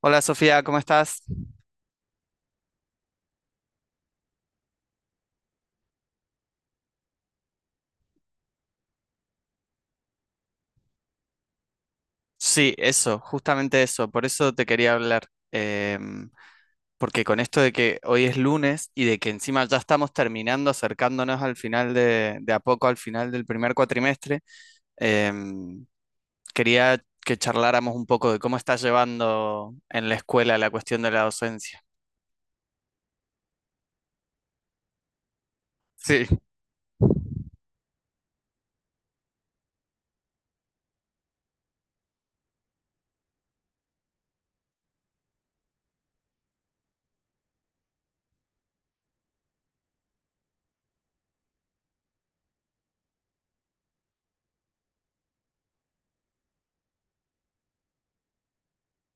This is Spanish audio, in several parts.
Hola Sofía, ¿cómo estás? Sí, eso, justamente eso, por eso te quería hablar, em, porque con esto de que hoy es lunes y de que encima ya estamos terminando, acercándonos al final de, a poco al final del primer cuatrimestre, em, quería que charláramos un poco de cómo estás llevando en la escuela la cuestión de la docencia. Sí,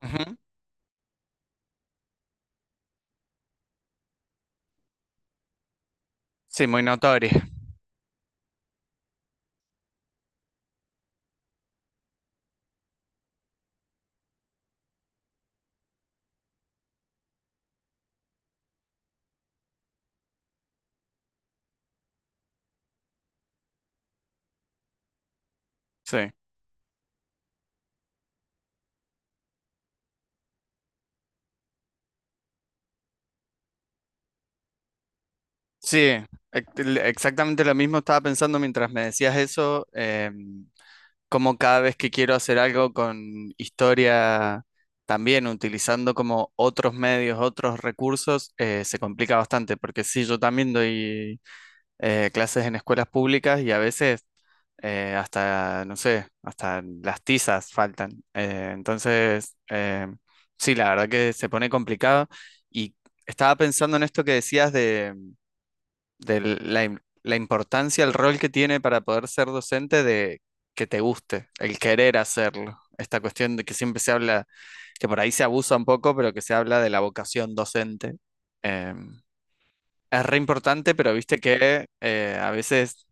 ujú. Sí, muy notoria, sí. Sí, ex- exactamente lo mismo estaba pensando mientras me decías eso. Como cada vez que quiero hacer algo con historia, también utilizando como otros medios, otros recursos, se complica bastante, porque sí, yo también doy clases en escuelas públicas y a veces hasta, no sé, hasta las tizas faltan. Entonces, sí, la verdad que se pone complicado y estaba pensando en esto que decías de la importancia, el rol que tiene para poder ser docente de que te guste, el querer hacerlo. Esta cuestión de que siempre se habla, que por ahí se abusa un poco, pero que se habla de la vocación docente. Eh, es re importante, pero viste que a veces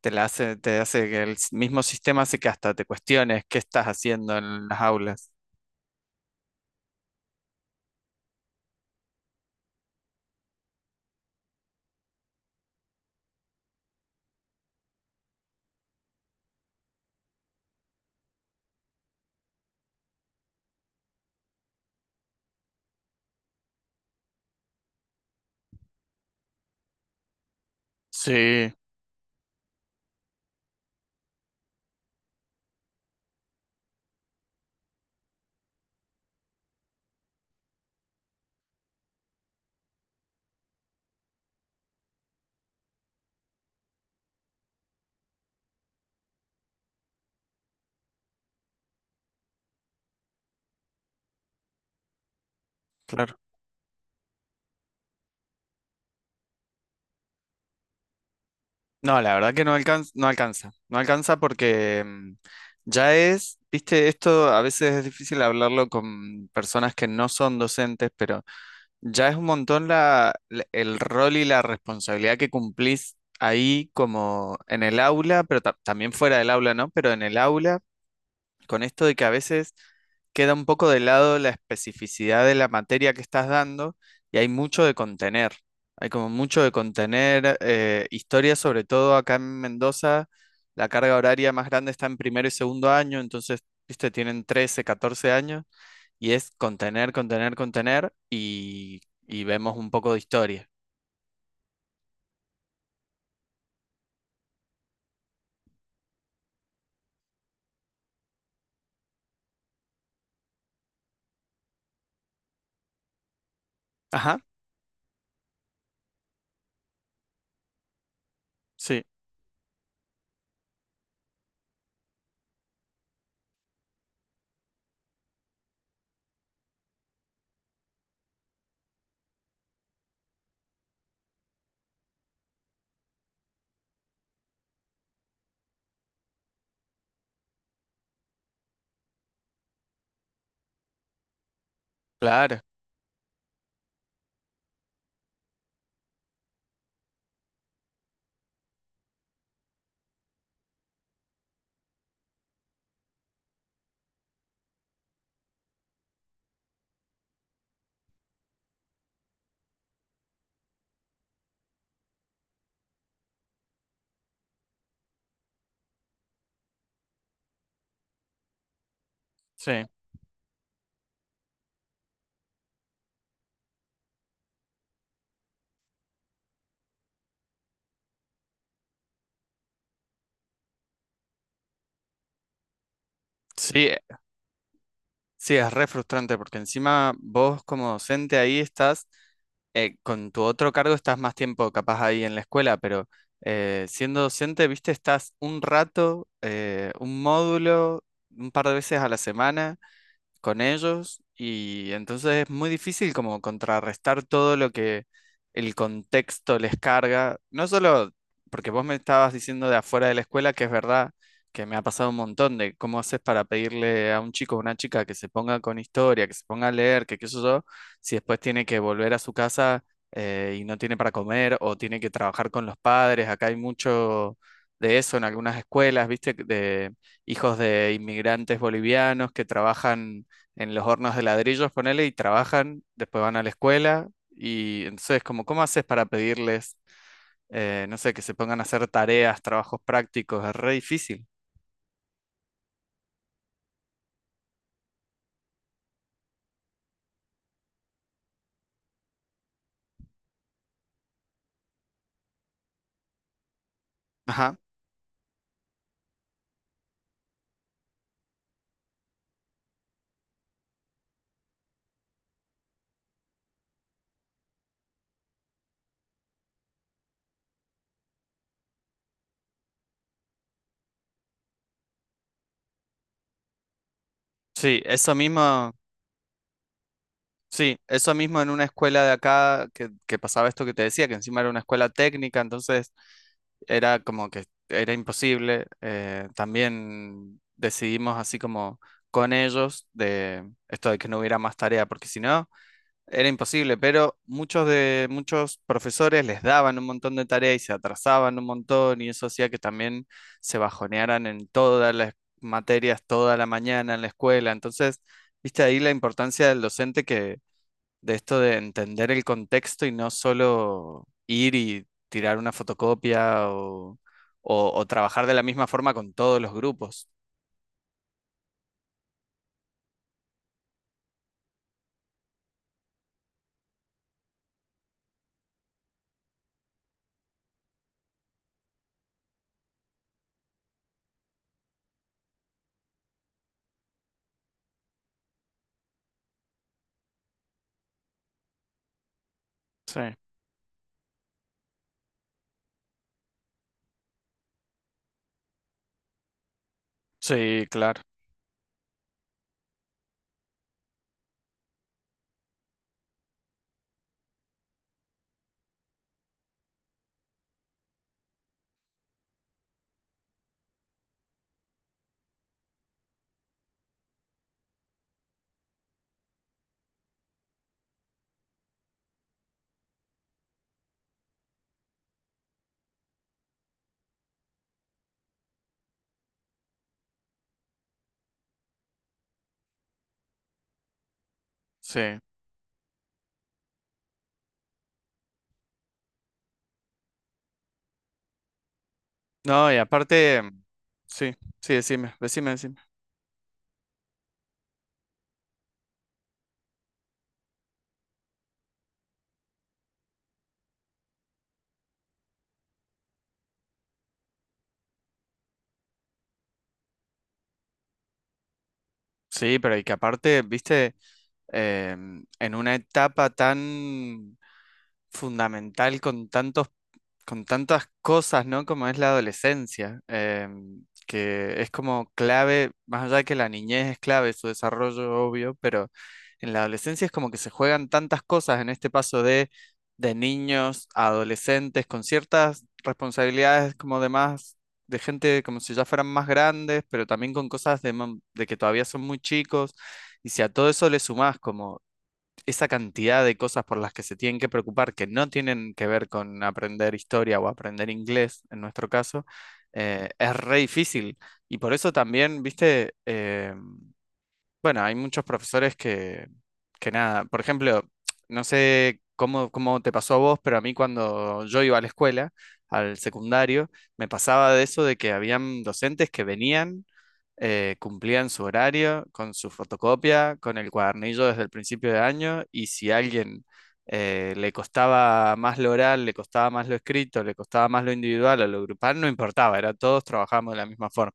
te hace que mismo sistema hace que hasta te cuestiones qué estás haciendo en las aulas. Sí, claro. No, la verdad que no alcanza, no alcanza, no alcanza porque ya es, viste, esto a veces es difícil hablarlo con personas que no son docentes, pero ya es un montón el rol y la responsabilidad que cumplís ahí como en el aula, pero también fuera del aula, ¿no? Pero en el aula con esto de que a veces queda un poco de lado la especificidad de la materia que estás dando y hay mucho de contener. Hay como mucho de contener historias, sobre todo acá en Mendoza, la carga horaria más grande está en primero y segundo año, entonces, viste, tienen 13, 14 años y es contener, contener, contener y vemos un poco de historia. Ajá, sí, claro, sí. Sí, sí, es re frustrante porque encima vos como docente ahí estás, con tu otro cargo estás más tiempo capaz ahí en la escuela, pero siendo docente, viste, estás un rato, un módulo, un par de veces a la semana con ellos y entonces es muy difícil como contrarrestar todo lo que el contexto les carga, no solo porque vos me estabas diciendo de afuera de la escuela, que es verdad que me ha pasado un montón de cómo haces para pedirle a un chico o una chica que se ponga con historia, que se ponga a leer, que qué sé yo, si después tiene que volver a su casa y no tiene para comer o tiene que trabajar con los padres, acá hay mucho de eso en algunas escuelas, viste, de hijos de inmigrantes bolivianos que trabajan en los hornos de ladrillos, ponele, y trabajan, después van a la escuela, y entonces como, ¿cómo haces para pedirles, no sé, que se pongan a hacer tareas, trabajos prácticos? Es re difícil. Ajá. Sí, eso mismo, sí, eso mismo en una escuela de acá que pasaba esto que te decía, que encima era una escuela técnica, entonces era como que era imposible. También decidimos así como con ellos de esto de que no hubiera más tarea, porque si no... Era imposible, pero muchos profesores les daban un montón de tareas y se atrasaban un montón y eso hacía que también se bajonearan en todas las materias toda la mañana en la escuela. Entonces, viste ahí la importancia del docente que de esto de entender el contexto y no solo ir y tirar una fotocopia o trabajar de la misma forma con todos los grupos. Sí, sí, claro, sí. No, y aparte, sí, sí, decime, decime, decime. Sí, pero y que aparte, viste, en una etapa tan fundamental con tantos con tantas cosas, ¿no? Como es la adolescencia, que es como clave, más allá de que la niñez es clave, su desarrollo obvio, pero en la adolescencia es como que se juegan tantas cosas en este paso de niños a adolescentes con ciertas responsabilidades como de más, de gente como si ya fueran más grandes, pero también con cosas de que todavía son muy chicos. Y si a todo eso le sumás como esa cantidad de cosas por las que se tienen que preocupar que no tienen que ver con aprender historia o aprender inglés, en nuestro caso, es re difícil. Y por eso también, viste, bueno, hay muchos profesores que nada, por ejemplo, no sé cómo, cómo te pasó a vos, pero a mí cuando yo iba a la escuela, al secundario, me pasaba de eso de que habían docentes que venían cumplían su horario, con su fotocopia, con el cuadernillo desde el principio de año, y si a alguien le costaba más lo oral, le costaba más lo escrito, le costaba más lo individual o lo grupal, no importaba, era todos trabajamos de la misma forma.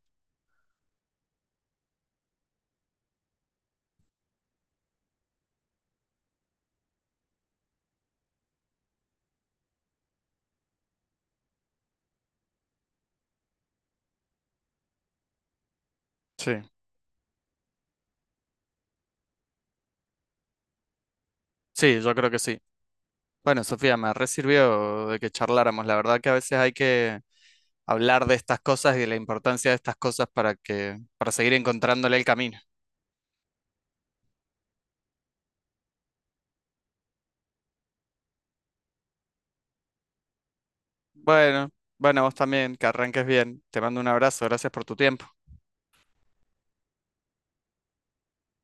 Sí, sí, yo creo que sí. Bueno, Sofía, me resirvió de que charláramos. La verdad que a veces hay que hablar de estas cosas y de la importancia de estas cosas para que, para seguir encontrándole el camino. Bueno, bueno, vos también, que arranques bien. Te mando un abrazo, gracias por tu tiempo.